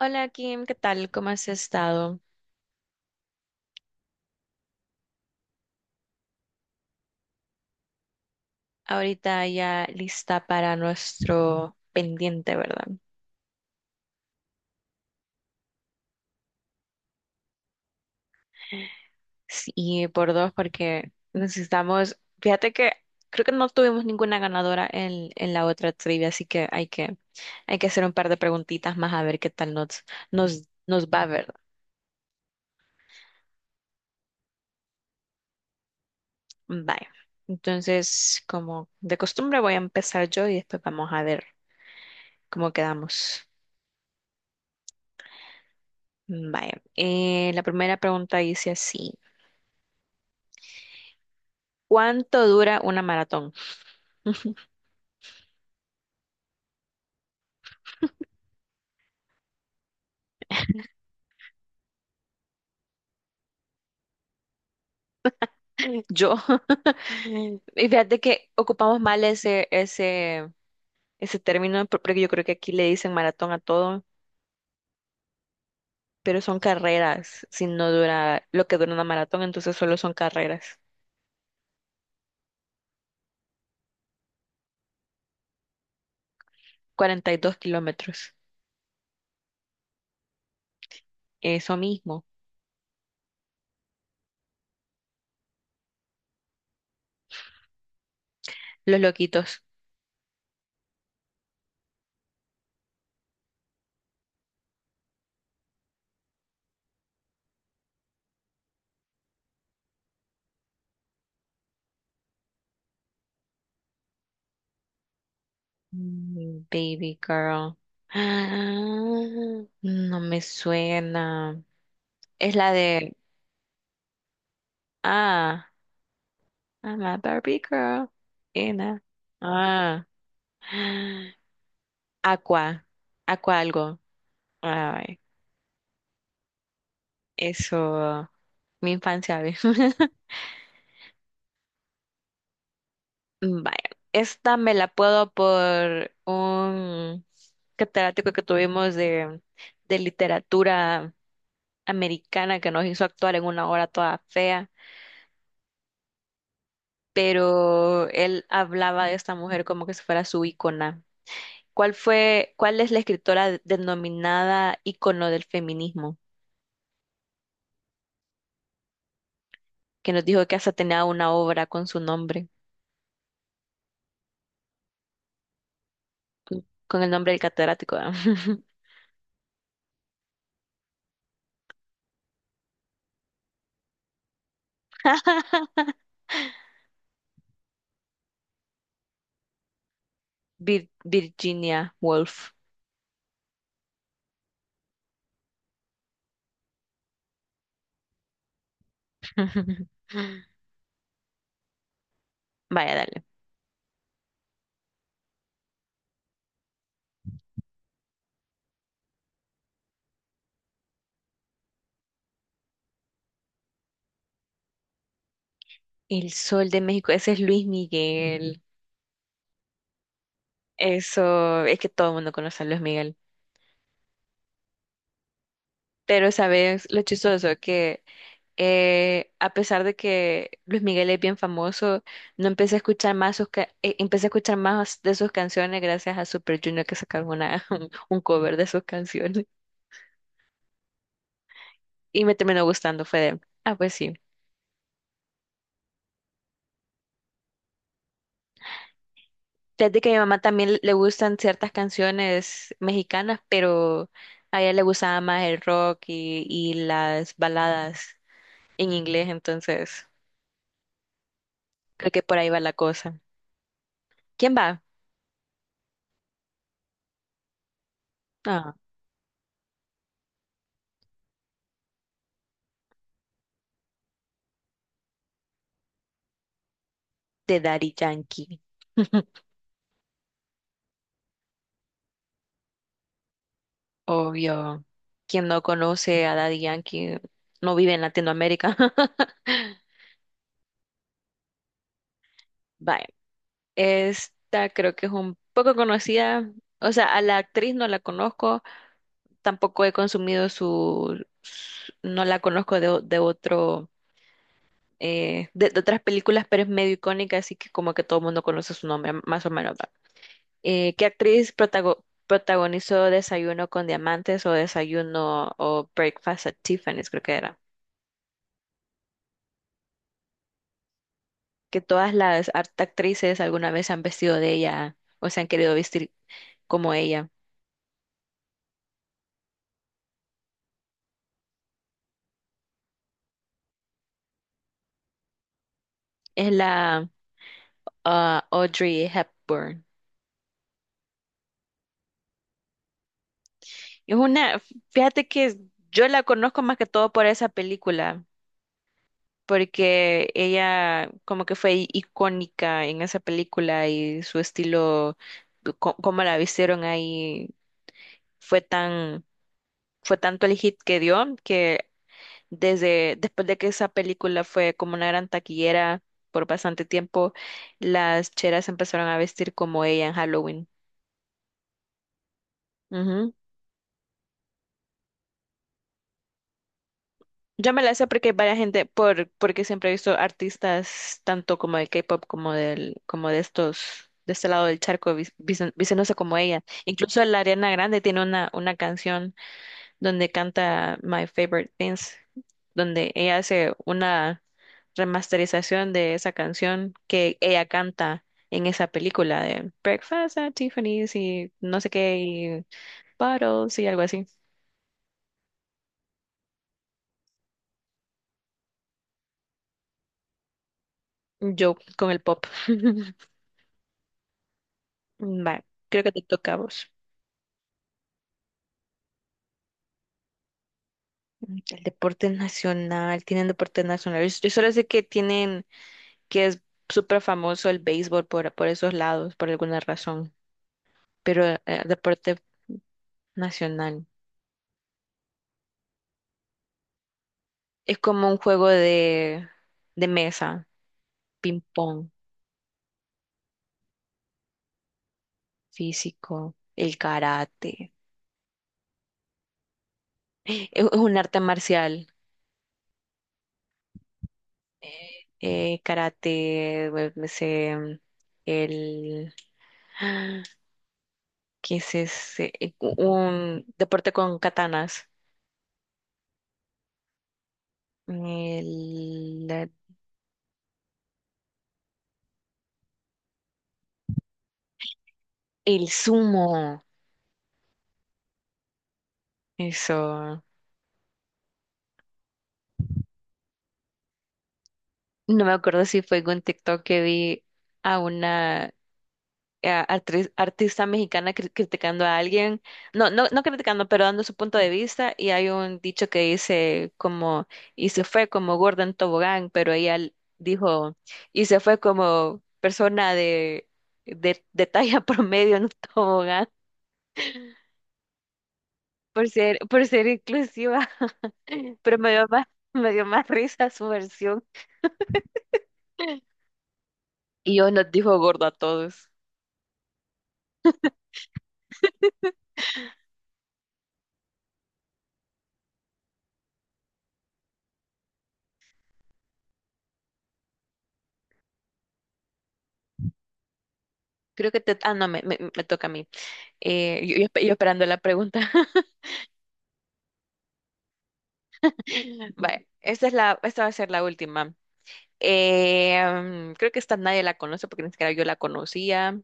Hola Kim, ¿qué tal? ¿Cómo has estado? Ahorita ya lista para nuestro pendiente, ¿verdad? Sí, y por dos, porque necesitamos, fíjate que creo que no tuvimos ninguna ganadora en la otra trivia, así que hay que hacer un par de preguntitas más a ver qué tal nos va, ¿verdad? Bye. Entonces, como de costumbre, voy a empezar yo y después vamos a ver cómo quedamos. Vaya, la primera pregunta dice así. ¿Cuánto dura una maratón? Yo, y fíjate que ocupamos mal ese término, porque yo creo que aquí le dicen maratón a todo, pero son carreras, si no dura lo que dura una maratón, entonces solo son carreras. 42 kilómetros, eso mismo, los loquitos. Baby girl. Ah, no me suena. Es la de, ah, I'm a Barbie girl. Ena. Ah. Aqua, Aqua algo. Ay, eso, mi infancia. Vaya, esta me la puedo por un catedrático que tuvimos de literatura americana que nos hizo actuar en una obra toda fea, pero él hablaba de esta mujer como que si fuera su ícona. ¿Cuál es la escritora denominada ícono del feminismo? Que nos dijo que hasta tenía una obra con su nombre. Con el nombre del catedrático, ¿verdad? Virginia Woolf. Vaya, dale. El Sol de México, ese es Luis Miguel. Eso, es que todo el mundo conoce a Luis Miguel. Pero sabes lo chistoso que a pesar de que Luis Miguel es bien famoso, no empecé a escuchar más empecé a escuchar más de sus canciones gracias a Super Junior que sacaron una, un cover de sus canciones. Y me terminó gustando, fue de, ah, pues sí. Desde que a mi mamá también le gustan ciertas canciones mexicanas, pero a ella le gustaba más el rock y las baladas en inglés, entonces creo que por ahí va la cosa. ¿Quién va? Ah, de Daddy Yankee. Obvio. Quien no conoce a Daddy Yankee no vive en Latinoamérica. Vaya, esta creo que es un poco conocida. O sea, a la actriz no la conozco, tampoco he consumido no la conozco de otro, de otras películas, pero es medio icónica, así que como que todo el mundo conoce su nombre, más o menos, ¿va? ¿Qué actriz protagonizó Desayuno con Diamantes o Desayuno o Breakfast at Tiffany's, creo que era? Que todas las actrices alguna vez se han vestido de ella o se han querido vestir como ella. Es la ah, Audrey Hepburn. Es una, fíjate que yo la conozco más que todo por esa película, porque ella como que fue icónica en esa película y su estilo, cómo la vistieron ahí, fue tan, fue tanto el hit que dio que desde después de que esa película fue como una gran taquillera por bastante tiempo, las cheras empezaron a vestir como ella en Halloween. Yo me la sé porque hay varias gente, porque siempre he visto artistas tanto como de K-pop como del, como de estos, de este lado del charco, vistiéndose como ella. Incluso la Ariana Grande tiene una canción donde canta My Favorite Things, donde ella hace una remasterización de esa canción que ella canta en esa película de Breakfast at Tiffany's y no sé qué, y Bottles y algo así. Yo con el pop. Va, creo que te toca a vos. El deporte nacional, tienen deporte nacional. Yo solo sé que tienen, que es súper famoso el béisbol por esos lados, por alguna razón. Pero deporte nacional es como un juego de mesa, ping-pong, físico, el karate. Es un arte marcial. Me sé, el... ¿Qué es ese? Un deporte con katanas. El, la- el sumo, eso. No me acuerdo si fue en un TikTok que vi a una artista mexicana criticando a alguien. No, no criticando, pero dando su punto de vista. Y hay un dicho que dice como, y se fue como gorda en tobogán, pero ella dijo, y se fue como persona de talla promedio en un tobogán. Por ser inclusiva. Pero me dio me dio más risa su versión. Y yo nos dijo gordo a todos. Creo que te... Ah, no, me toca a mí. Yo esperando la pregunta. Vale, esta va a ser la última. Eh, creo que esta nadie la conoce porque ni siquiera yo la conocía.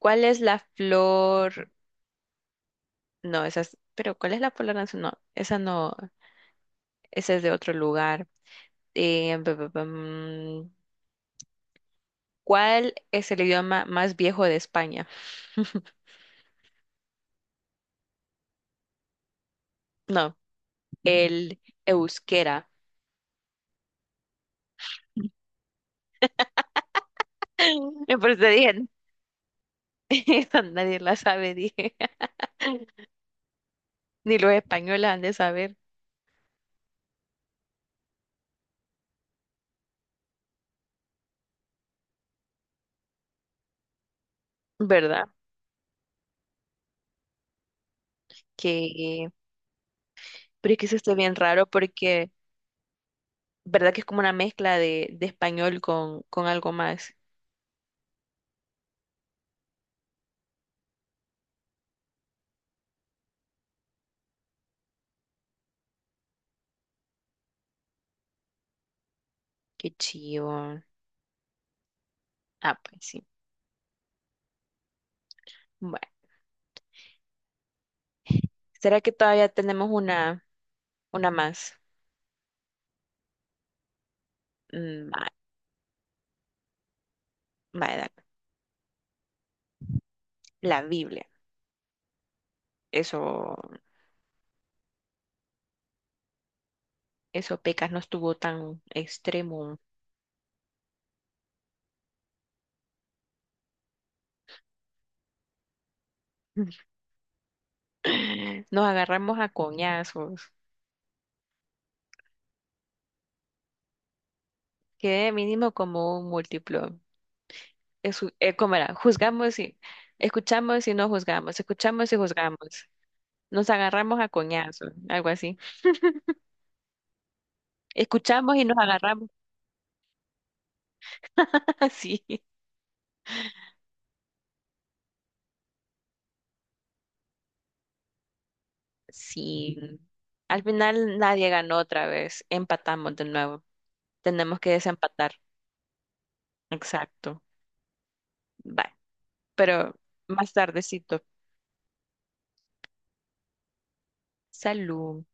¿Cuál es la flor? No, esa es... Pero ¿cuál es la flor nacional? No, esa no, esa es de otro lugar. Bum. ¿Cuál es el idioma más viejo de España? No, el euskera. Y por eso dije, esa nadie la sabe, dije. Ni los españoles han de saber, ¿verdad? Que, pero es que eso está bien raro porque, ¿verdad que es como una mezcla de español con algo más? Qué chivo. Ah, pues sí. Bueno, ¿será que todavía tenemos una más? Mm, va- va, da- la Biblia. Eso. Eso pecas no estuvo tan extremo. Nos agarramos a coñazos. Quedé mínimo como un múltiplo. Es, ¿cómo era? Juzgamos y escuchamos y no juzgamos. Escuchamos y juzgamos. Nos agarramos a coñazos, algo así. Escuchamos y nos agarramos. Así. Sí. Al final nadie ganó otra vez. Empatamos de nuevo. Tenemos que desempatar. Exacto. Bye. Pero más tardecito. Salud.